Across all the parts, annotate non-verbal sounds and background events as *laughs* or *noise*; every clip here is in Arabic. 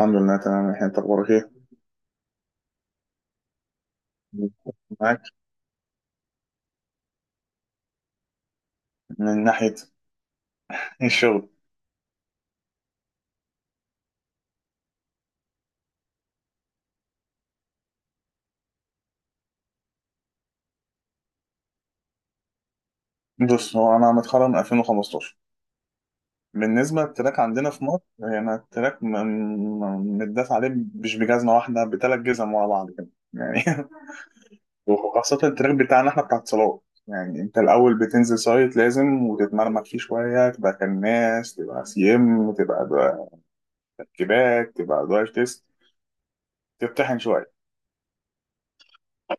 الحمد لله، تمام. الحين انت اخبارك ايه؟ معاك. من ناحيه الشغل. بص، هو انا متخرج من 2015. بالنسبه للتراك عندنا في مصر، يعني التراك متداس عليه مش بجزمه واحده، بثلاث جزم ورا بعض كده. يعني *laughs* وخاصه التراك بتاعنا احنا، بتاع اتصالات. يعني انت الاول بتنزل سايت لازم، وتتمرمك فيه شويه، تبقى كناس، تبقى سي ام، تبقى كباك، تبقى درايف تيست، تمتحن شويه.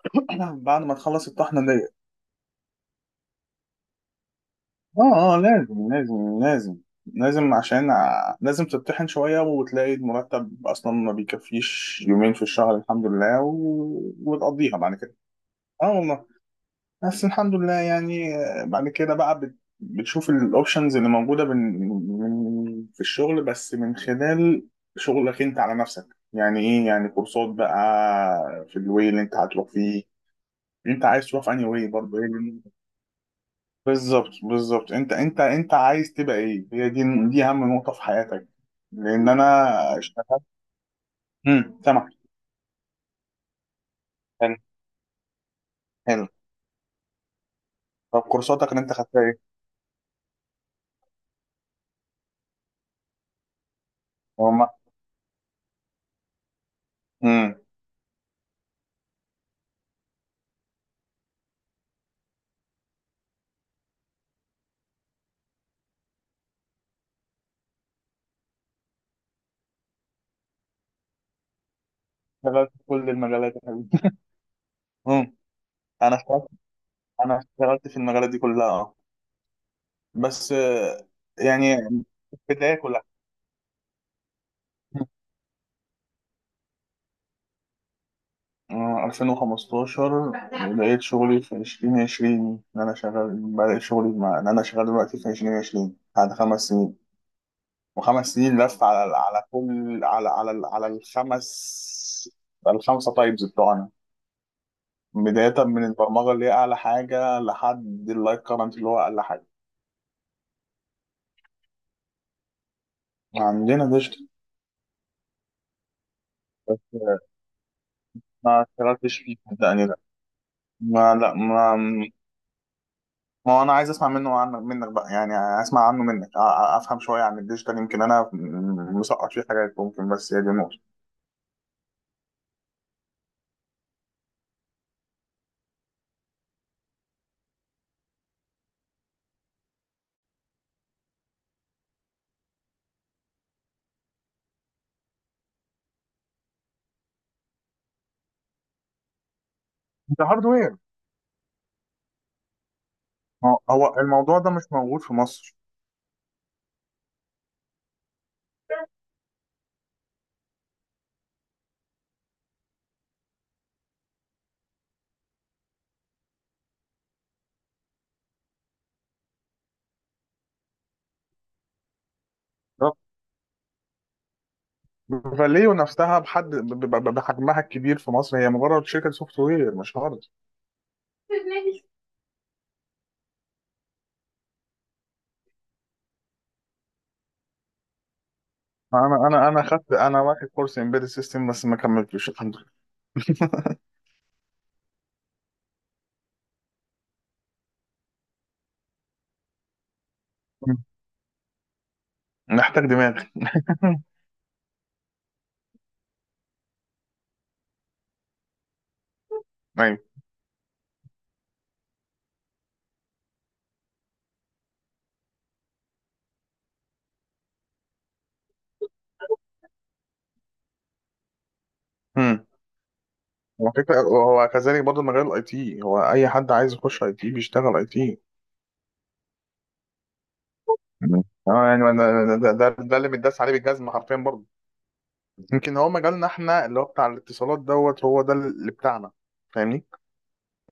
*clears throat* بعد ما تخلص الطحنه دي اه اه، لازم لازم، عشان لازم تطحن شوية، وتلاقي المرتب أصلا ما بيكفيش يومين في الشهر الحمد لله، وتقضيها بعد كده. اه والله. بس الحمد لله يعني. بعد كده بقى بتشوف الأوبشنز اللي موجودة في الشغل، بس من خلال شغلك أنت على نفسك، يعني إيه؟ يعني كورسات بقى، في الواي اللي أنت هتروح فيه. أنت عايز تروح في أنهي واي برضه. بالظبط، انت عايز تبقى ايه، هي دي، دي اهم نقطة في حياتك. لان انا اشتغلت. امم، سامع. حلو. حلو، طب كورساتك اللي انت خدتها ايه؟ هما. امم. اشتغلت في كل المجالات يا حبيبي. امم. انا اشتغلت انا اشتغلت في المجالات دي كلها، اه. بس يعني البداية كلها. آه، 2015 بدأت شغلي في 2020، إن أنا شغال، بدأت شغلي مع إن أنا شغال دلوقتي في 2020 بعد خمس سنين. وخمس سنين لف على، على كل على على على الخمس، الخمسه تايبز بتوعنا، بداية من البرمجة اللي هي أعلى حاجة، لحد اللايف كرنت اللي هو أقل حاجة. عندنا ديجيتال، بس ما اشتغلتش فيه صدقني، لا. ما هو أنا عايز أسمع منه، منك بقى يعني، أسمع عنه منك، أفهم شوية عن الديجيتال، يمكن أنا مسقط فيه حاجات ممكن، بس هي دي النقطة. ده هاردوير. هو هو الموضوع ده مش موجود في مصر. فاليو نفسها بحد بحجمها الكبير في مصر، هي مجرد شركه سوفت وير، مش هارد. انا خدت، انا واخد كورس امبيدد سيستم، بس ما كملتوش الحمد لله. *laughs* محتاج دماغ. *laughs* ايوه. امم. هو فكره، هو كذلك برضه مجال الاي تي، هو اي حد عايز يخش اي تي بيشتغل اي تي. مم. اه يعني أنا، ده اللي متداس عليه بالجزمه حرفيا برضه. يمكن هو مجالنا احنا اللي هو بتاع الاتصالات دوت، هو ده اللي بتاعنا. فاهمني؟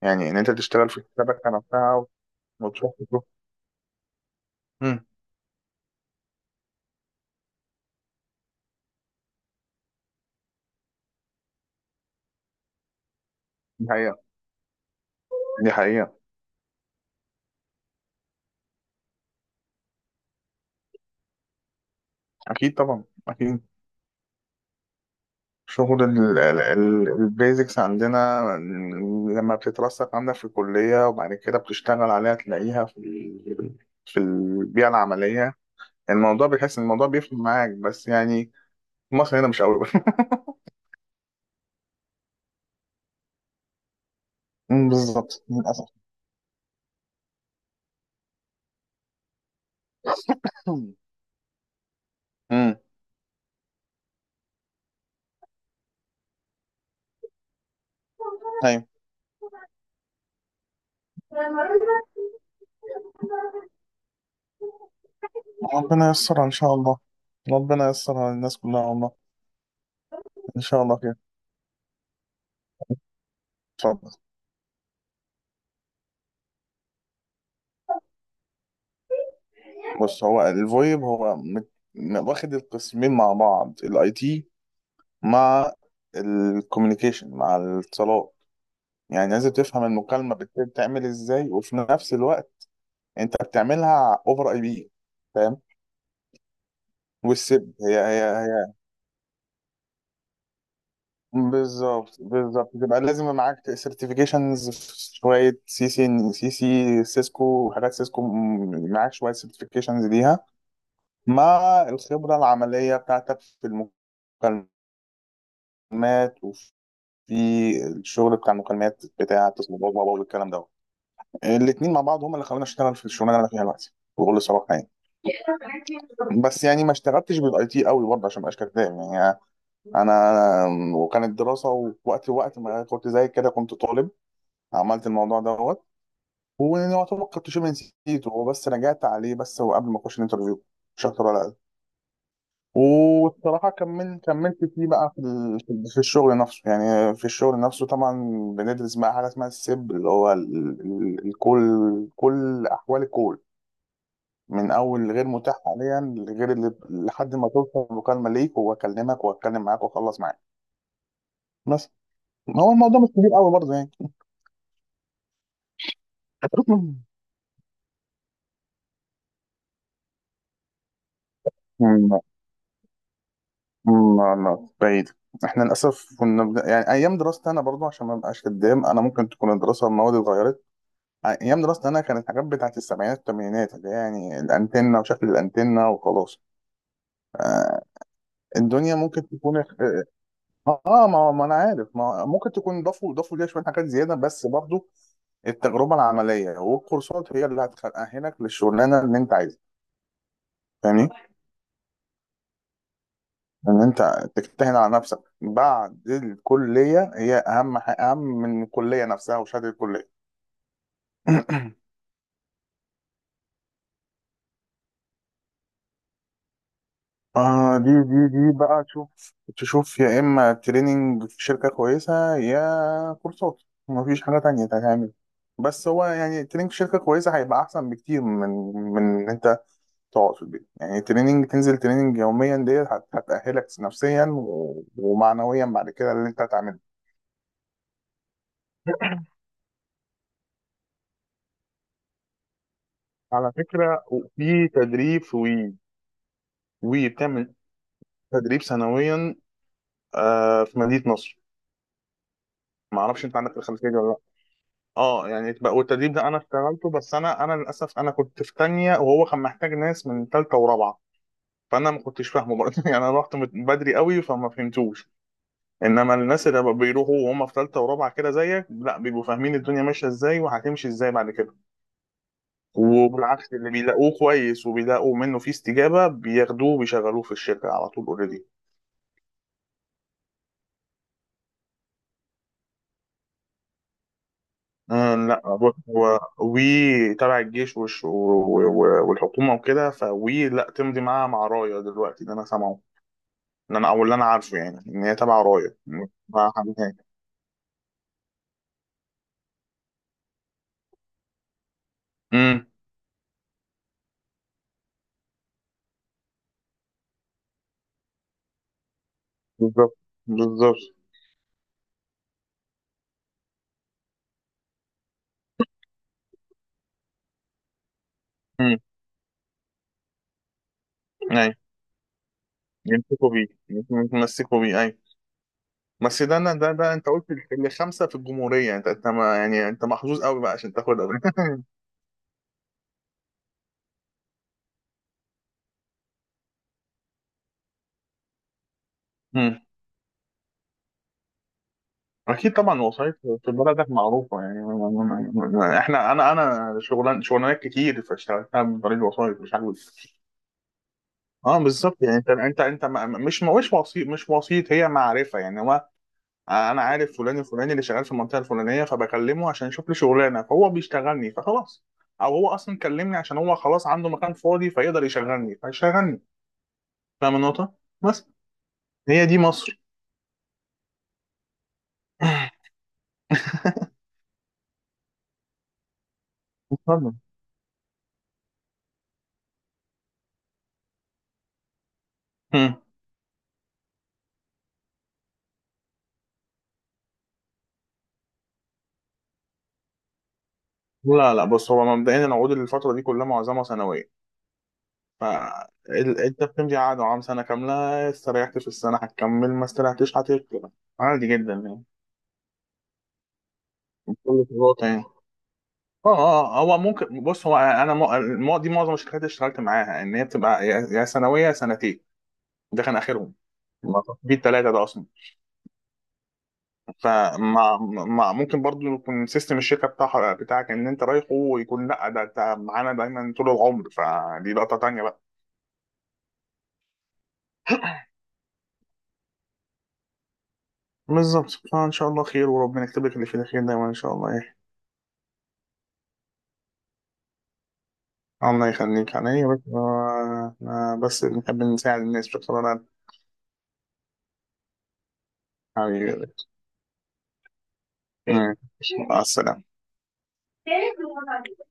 يعني ان انت تشتغل في الشبكه نفسها، وتروح تشوف. مم. دي حقيقة. دي حقيقة. أكيد طبعا، أكيد. شغل البيزكس عندنا، لما بتترسخ عندك في الكلية، وبعد كده بتشتغل عليها، تلاقيها في في البيئة العملية. الموضوع، بتحس إن الموضوع بيفرق معاك، بس يعني في مصر هنا مش قوي. *laughs* أمم، بالظبط للأسف. امم. أمم. أيوة. ربنا ييسرها إن شاء الله. ربنا ييسرها للناس كلها والله. إن شاء الله كده. اتفضل. بص هو الفويب، هو واخد القسمين مع بعض، الاي تي مع الكوميونيكيشن، مع الاتصالات. يعني لازم تفهم المكالمة بتتعمل ازاي، وفي نفس الوقت انت بتعملها اوفر اي بي. فاهم؟ والسب هي. بالظبط، بالظبط. تبقى لازم معاك سيرتيفيكيشنز، شوية سي سي، سي سي سيسكو، وحاجات سيسكو، معاك شوية سيرتيفيكيشنز ليها، مع الخبرة العملية بتاعتك في المكالمات، وفي الشغل بتاع المكالمات، بتاع التصميمات والكلام ده. الاثنين مع بعض هم اللي خلوني اشتغل في الشغلانه اللي انا فيها دلوقتي بكل صراحه يعني. بس يعني ما اشتغلتش بالاي تي قوي برضه، عشان ما ابقاش كداب يعني. انا، وكانت دراسه، ووقت ما كنت زي كده، كنت طالب، عملت الموضوع دوت، ويعتبر كنت شبه نسيته، وبس رجعت عليه بس وقبل ما اخش الانترفيو، مش اكتر ولا اقل. والصراحه كملت فيه بقى في في الشغل نفسه، يعني في الشغل نفسه طبعا. بندرس بقى حاجه اسمها السيب، اللي هو الكل، كل احوال الكل، من اول غير متاح حاليا لغير اللي، لحد ما توصل المكالمه ليك، واكلمك واتكلم معاك واخلص معاك. بس ما هو الموضوع مش كبير قوي برضه يعني. *laughs* م- م- لا بعيد. احنا للاسف يعني ايام دراستي انا، برضو عشان ما ابقاش كدام انا، ممكن تكون الدراسه المواد اتغيرت. ايام دراستي انا كانت حاجات بتاعت السبعينات والثمانينات، اللي هي يعني الانتنه وشكل الانتنه وخلاص. آه، الدنيا ممكن تكون اه، ما ما انا عارف، ما ممكن تكون ضافوا ليها شويه حاجات زياده، بس برضو التجربه العمليه والكورسات هي اللي هتأهلك للشغلانه اللي انت عايزها. فاهمني؟ ان انت تجتهد على نفسك بعد الكليه، هي اهم من الكليه نفسها وشهاده الكليه. *clears throat* آه، دي دي بقى، تشوف، تشوف يا إما تريننج في شركة كويسة، يا كورسات. مفيش حاجة تانية تعمل. بس هو يعني تريننج في شركة كويسة هيبقى أحسن بكتير من، من إن أنت تقعد في البيت، يعني تريننج، تنزل تريننج يوميا ديت هتأهلك نفسيا ومعنويا بعد كده اللي انت هتعمله. على فكرة، في تدريب في وي. وي بتعمل تدريب سنويا، آه، في مدينة نصر. ما اعرفش انت عندك الخلفية دي ولا لا. اه، يعني بقى، والتدريب ده انا اشتغلته، بس انا انا للاسف انا كنت في تانية، وهو كان محتاج ناس من تالتة ورابعة، فانا ما كنتش فاهمه برضه. *laughs* يعني انا رحت بدري قوي، فما فهمتوش. انما الناس اللي بقى بيروحوا وهم في ثالثه ورابعه كده زيك، لا بيبقوا فاهمين الدنيا ماشيه ازاي، وهتمشي ازاي بعد كده. وبالعكس، اللي بيلاقوه كويس، وبيلاقوا منه فيه استجابه، بياخدوه وبيشغلوه في الشركه على طول، اوريدي. آه، لا بص، هو وي تبع الجيش والحكومه وكده، فوي لا تمضي معاها، مع رايه دلوقتي اللي انا سامعه، ان انا او اللي انا عارفه يعني، ان هي تبع رايه. مع حماية. امم. بالظبط. بالظبط. امم. ايوه. يمسكوا بيه يتمسكوا بيه، ايوه. بس ده انا، ده انت قلت اللي خمسه في الجمهوريه، انت انت ما يعني انت محظوظ قوي بقى عشان تاخد قوي. *laughs* مم. اكيد طبعا. وسايط في بلدك معروفه يعني. احنا، انا شغلان شغلانات كتير فاشتغلتها من طريق الوسايط، مش عارف. اه بالظبط، يعني انت مش وسيط، مش وسيط هي معرفه يعني. هو انا عارف فلان الفلاني اللي شغال في المنطقه الفلانيه، فبكلمه عشان يشوف لي شغلانه، فهو بيشتغلني فخلاص. او هو اصلا كلمني عشان هو خلاص عنده مكان فاضي فيقدر يشغلني فيشغلني. فاهم النقطة؟ بس هي دي مصر. *laughs* اتفضل. مم. لا لا، بص هو مبدئيا العقود الفترة دي كلها معظمها سنوية، فانت بتمضي عقد عام سنة كاملة. استريحت في السنة هتكمل، ما استريحتش هتكمل. عادي جدا يعني، كل الوضع يعني. اه اه، هو ممكن، بص هو انا دي معظم الشركات اللي اشتغلت معاها ان هي بتبقى يا سنوية يا سنتين. ده كان اخرهم، ما في التلاتة ده اصلا. فما ما ممكن برضو يكون سيستم الشركه بتاعك ان انت رايحه، ويكون لا، ده انت معانا دايما طول العمر، فدي لقطه تانيه بقى. بالظبط. فان شاء الله خير، وربنا يكتب لك اللي فيه الخير دايما ان شاء الله. ايه، الله يخليك عليا يا رب. بس بنحب نساعد الناس بصراحه. حبيبي. مع السلامه.